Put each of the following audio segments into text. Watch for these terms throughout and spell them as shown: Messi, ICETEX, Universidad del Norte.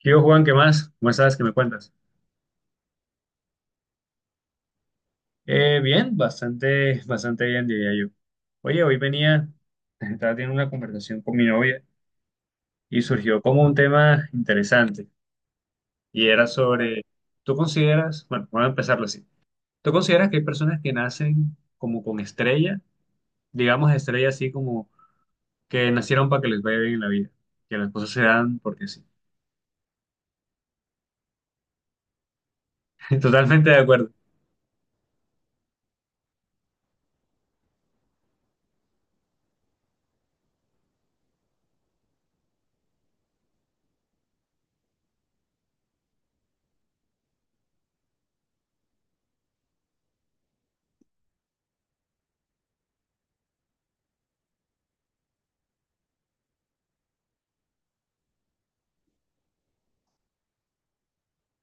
¿Qué hubo, Juan? ¿Qué más? ¿Cómo estás? ¿Qué me cuentas? Bien, bastante bien, diría yo. Oye, hoy venía, estaba teniendo una conversación con mi novia y surgió como un tema interesante y era sobre, ¿tú consideras, bueno, vamos a empezarlo así, ¿tú consideras que hay personas que nacen como con estrella, digamos estrella así como que nacieron para que les vaya bien en la vida, que las cosas se dan porque sí? Totalmente de acuerdo.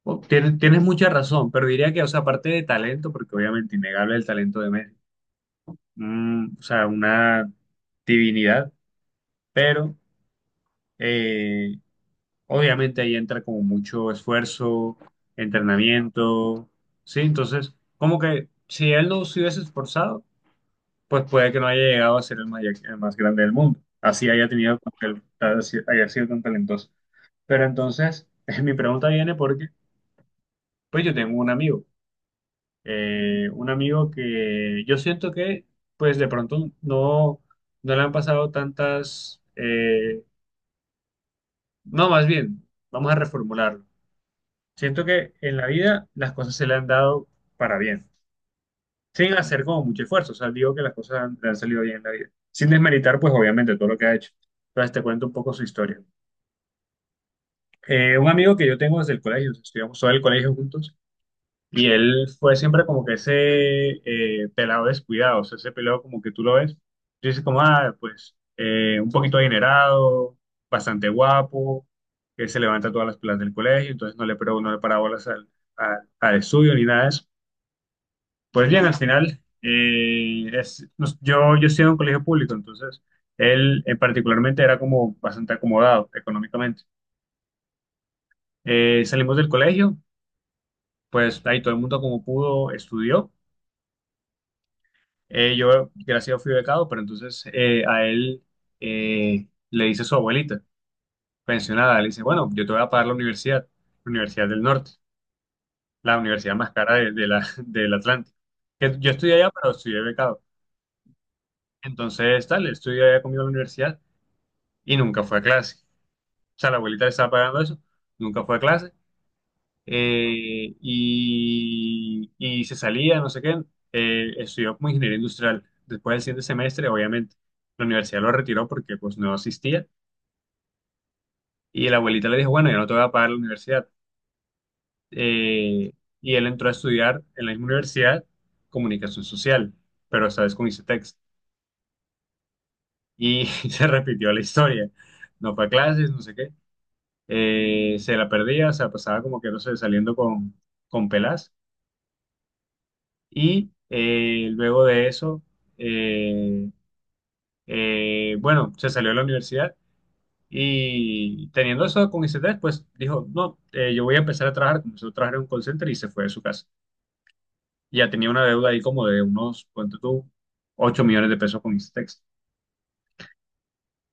Bueno, tienes mucha razón, pero diría que, o sea, aparte de talento, porque obviamente innegable el talento de Messi. O sea, una divinidad, pero eh, obviamente ahí entra como mucho esfuerzo, entrenamiento. ¿Sí? Entonces, como que si él no se hubiese esforzado, pues puede que no haya llegado a ser el, el más grande del mundo, así haya tenido, como que haya sido tan talentoso. Pero entonces, mi pregunta viene porque, pues yo tengo un amigo. Un amigo que yo siento que, pues de pronto no, no le han pasado tantas, no, Más bien, vamos a reformularlo. Siento que en la vida las cosas se le han dado para bien, sin hacer como mucho esfuerzo, o sea, digo que le han salido bien en la vida, sin desmeritar, pues obviamente todo lo que ha hecho. Entonces te cuento un poco su historia. Un amigo que yo tengo desde el colegio, estudiamos todo el colegio juntos. Y él fue siempre como que ese pelado descuidado, o sea, ese pelado como que tú lo ves, tú dices como, ah, pues un poquito adinerado, bastante guapo, que se levanta todas las pelas del colegio, entonces pero no le para bolas al estudio ni nada de eso. Pues bien, al final, yo estoy en un colegio público, entonces él particularmente era como bastante acomodado económicamente. Salimos del colegio, pues ahí todo el mundo como pudo estudió. Yo, gracias a Dios, fui becado, pero entonces a él le dice su abuelita, pensionada, le dice, bueno, yo te voy a pagar la Universidad del Norte, la universidad más cara de del Atlántico. Que yo estudié allá, pero estudié becado. Entonces, tal, él estudió allá conmigo en la universidad y nunca fue a clase. O sea, la abuelita le estaba pagando eso, nunca fue a clase y se salía, no sé qué, estudió como ingeniería industrial. Después del siguiente semestre, obviamente, la universidad lo retiró porque pues no asistía y la abuelita le dijo, bueno, yo no te voy a pagar la universidad. Eh, y él entró a estudiar en la misma universidad comunicación social, pero esta vez con ICETEX. Y se repitió la historia. No fue a clases, no sé qué. Se la perdía, o sea, pasaba como que, no sé, saliendo con pelas. Y luego de eso, eh, bueno, se salió de la universidad y teniendo eso con ICT, pues dijo, no, yo voy a empezar a trabajar, comenzó a trabajar en un call center y se fue de su casa. Ya tenía una deuda ahí como de unos, ¿cuánto tú? 8 millones de pesos con ICETEX.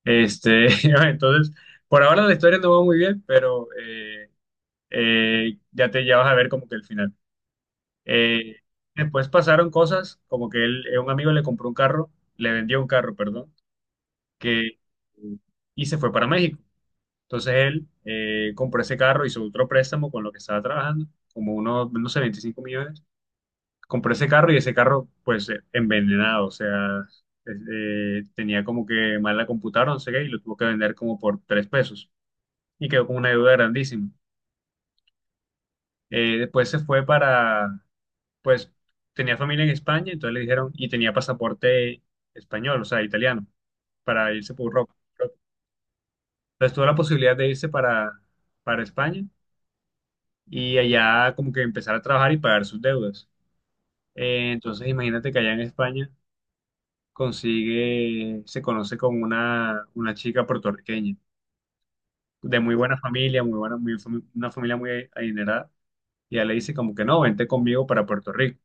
Este, entonces, por ahora la historia no va muy bien, pero ya vas a ver como que el final. Eh, Después pasaron cosas como que él, un amigo le vendió un carro, perdón, que y se fue para México. Entonces él compró ese carro, hizo otro préstamo con lo que estaba trabajando, como unos, no sé, 25 millones. Compró ese carro y ese carro, pues, envenenado, o sea, es- tenía como que mal la computadora, no sé qué, y lo tuvo que vender como por tres pesos. Y quedó con una deuda grandísima. Después se fue para, pues, tenía familia en España, entonces le dijeron, y tenía pasaporte español, o sea, italiano, para irse por Europa. Entonces tuvo la posibilidad de irse para España y allá como que empezar a trabajar y pagar sus deudas. Entonces imagínate que allá en España consigue, se conoce con una chica puertorriqueña de muy buena familia, muy buena, muy fami- una familia muy adinerada. Y ella le dice como que no, vente conmigo para Puerto Rico.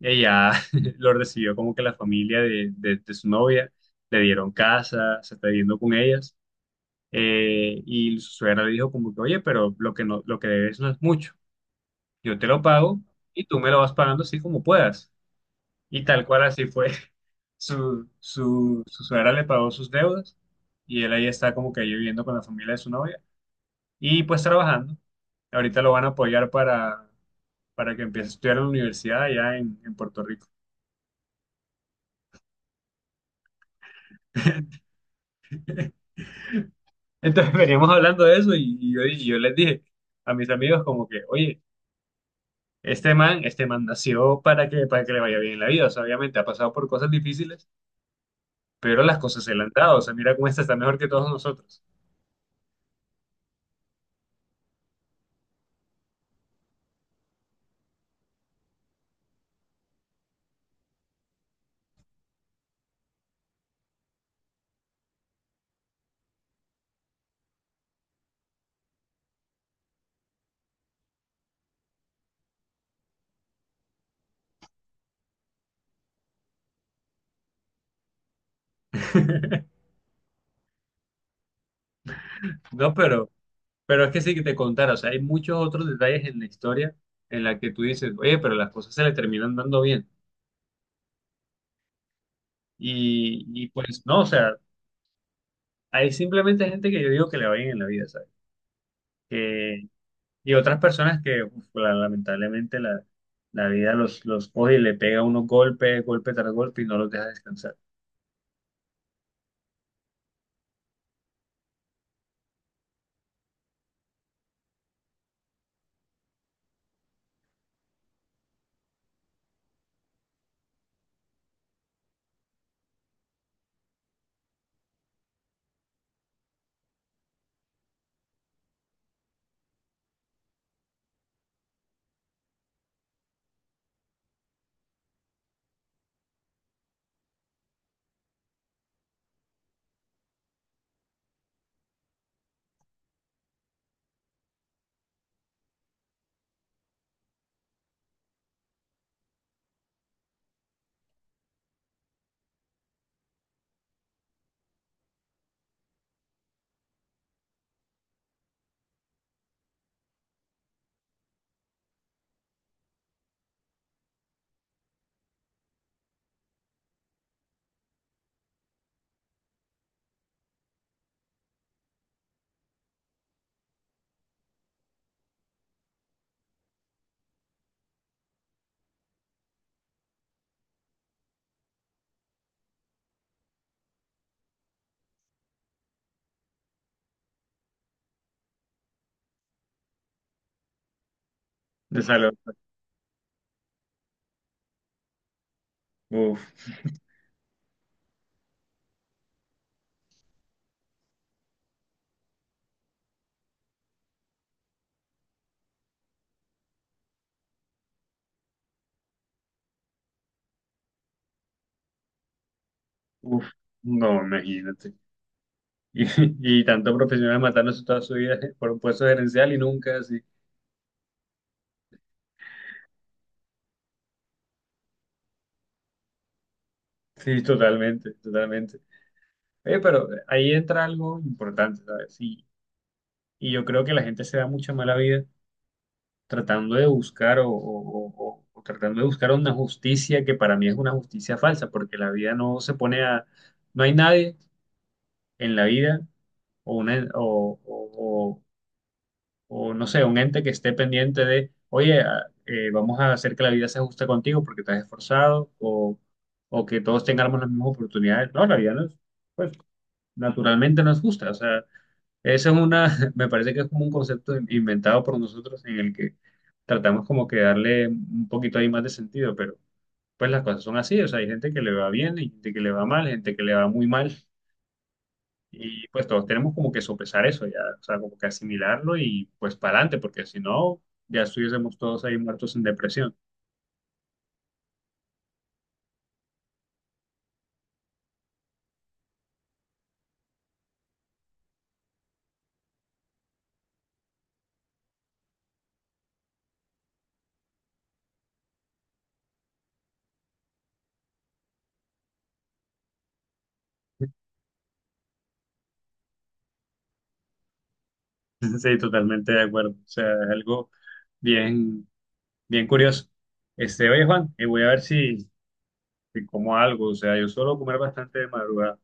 Ella lo recibió como que la familia de su novia, le dieron casa, se está viviendo con ellas. Y su suegra le dijo como que, oye, lo que debes no es mucho. Yo te lo pago y tú me lo vas pagando así como puedas. Y tal cual así fue. Su suegra le pagó sus deudas y él ahí está como que ahí viviendo con la familia de su novia y pues trabajando. Ahorita lo van a apoyar para que empiece a estudiar en la universidad allá en Puerto Rico. Entonces veníamos hablando de eso y yo les dije a mis amigos como que, oye, este man nació para que le vaya bien en la vida. O sea, obviamente ha pasado por cosas difíciles, pero las cosas se le han dado. O sea, mira cómo esta está mejor que todos nosotros. No, pero es que sí que te contara, o sea, hay muchos otros detalles en la historia en la que tú dices, oye, pero las cosas se le terminan dando bien. Y pues no, o sea, hay simplemente gente que yo digo que le va bien en la vida, ¿sabes? Que, y otras personas que uf, lamentablemente la vida los coge y le pega unos golpes, golpe tras golpe y no los deja descansar. De salud. Uf, uf, no, imagínate. Y, y tanto profesionales matándose toda su vida por un puesto gerencial y nunca así. Sí, totalmente, totalmente. Oye, pero ahí entra algo importante, ¿sabes? Y yo creo que la gente se da mucha mala vida tratando de buscar o tratando de buscar una justicia que para mí es una justicia falsa, porque la vida no se pone a... No hay nadie en la vida o, una- o, no sé, un ente que esté pendiente de, oye, vamos a hacer que la vida sea justa contigo porque te has esforzado o que todos tengamos las mismas oportunidades. No, la vida no es... Pues, naturalmente nos gusta. O sea, eso es una, me parece que es como un concepto inventado por nosotros en el que tratamos como que darle un poquito ahí más de sentido, pero pues las cosas son así. O sea, hay gente que le va bien, hay gente que le va mal, gente que le va muy mal. Y pues todos tenemos como que sopesar eso ya, o sea, como que asimilarlo y pues para adelante, porque si no, ya estuviésemos todos ahí muertos en depresión. Sí, totalmente de acuerdo. O sea, es algo bien, bien curioso. Este, oye, Juan, voy a ver si, si como algo, o sea, yo suelo comer bastante de madrugada.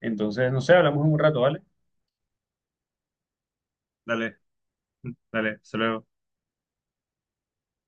Entonces, no sé, hablamos en un rato, ¿vale? Dale, dale, hasta luego.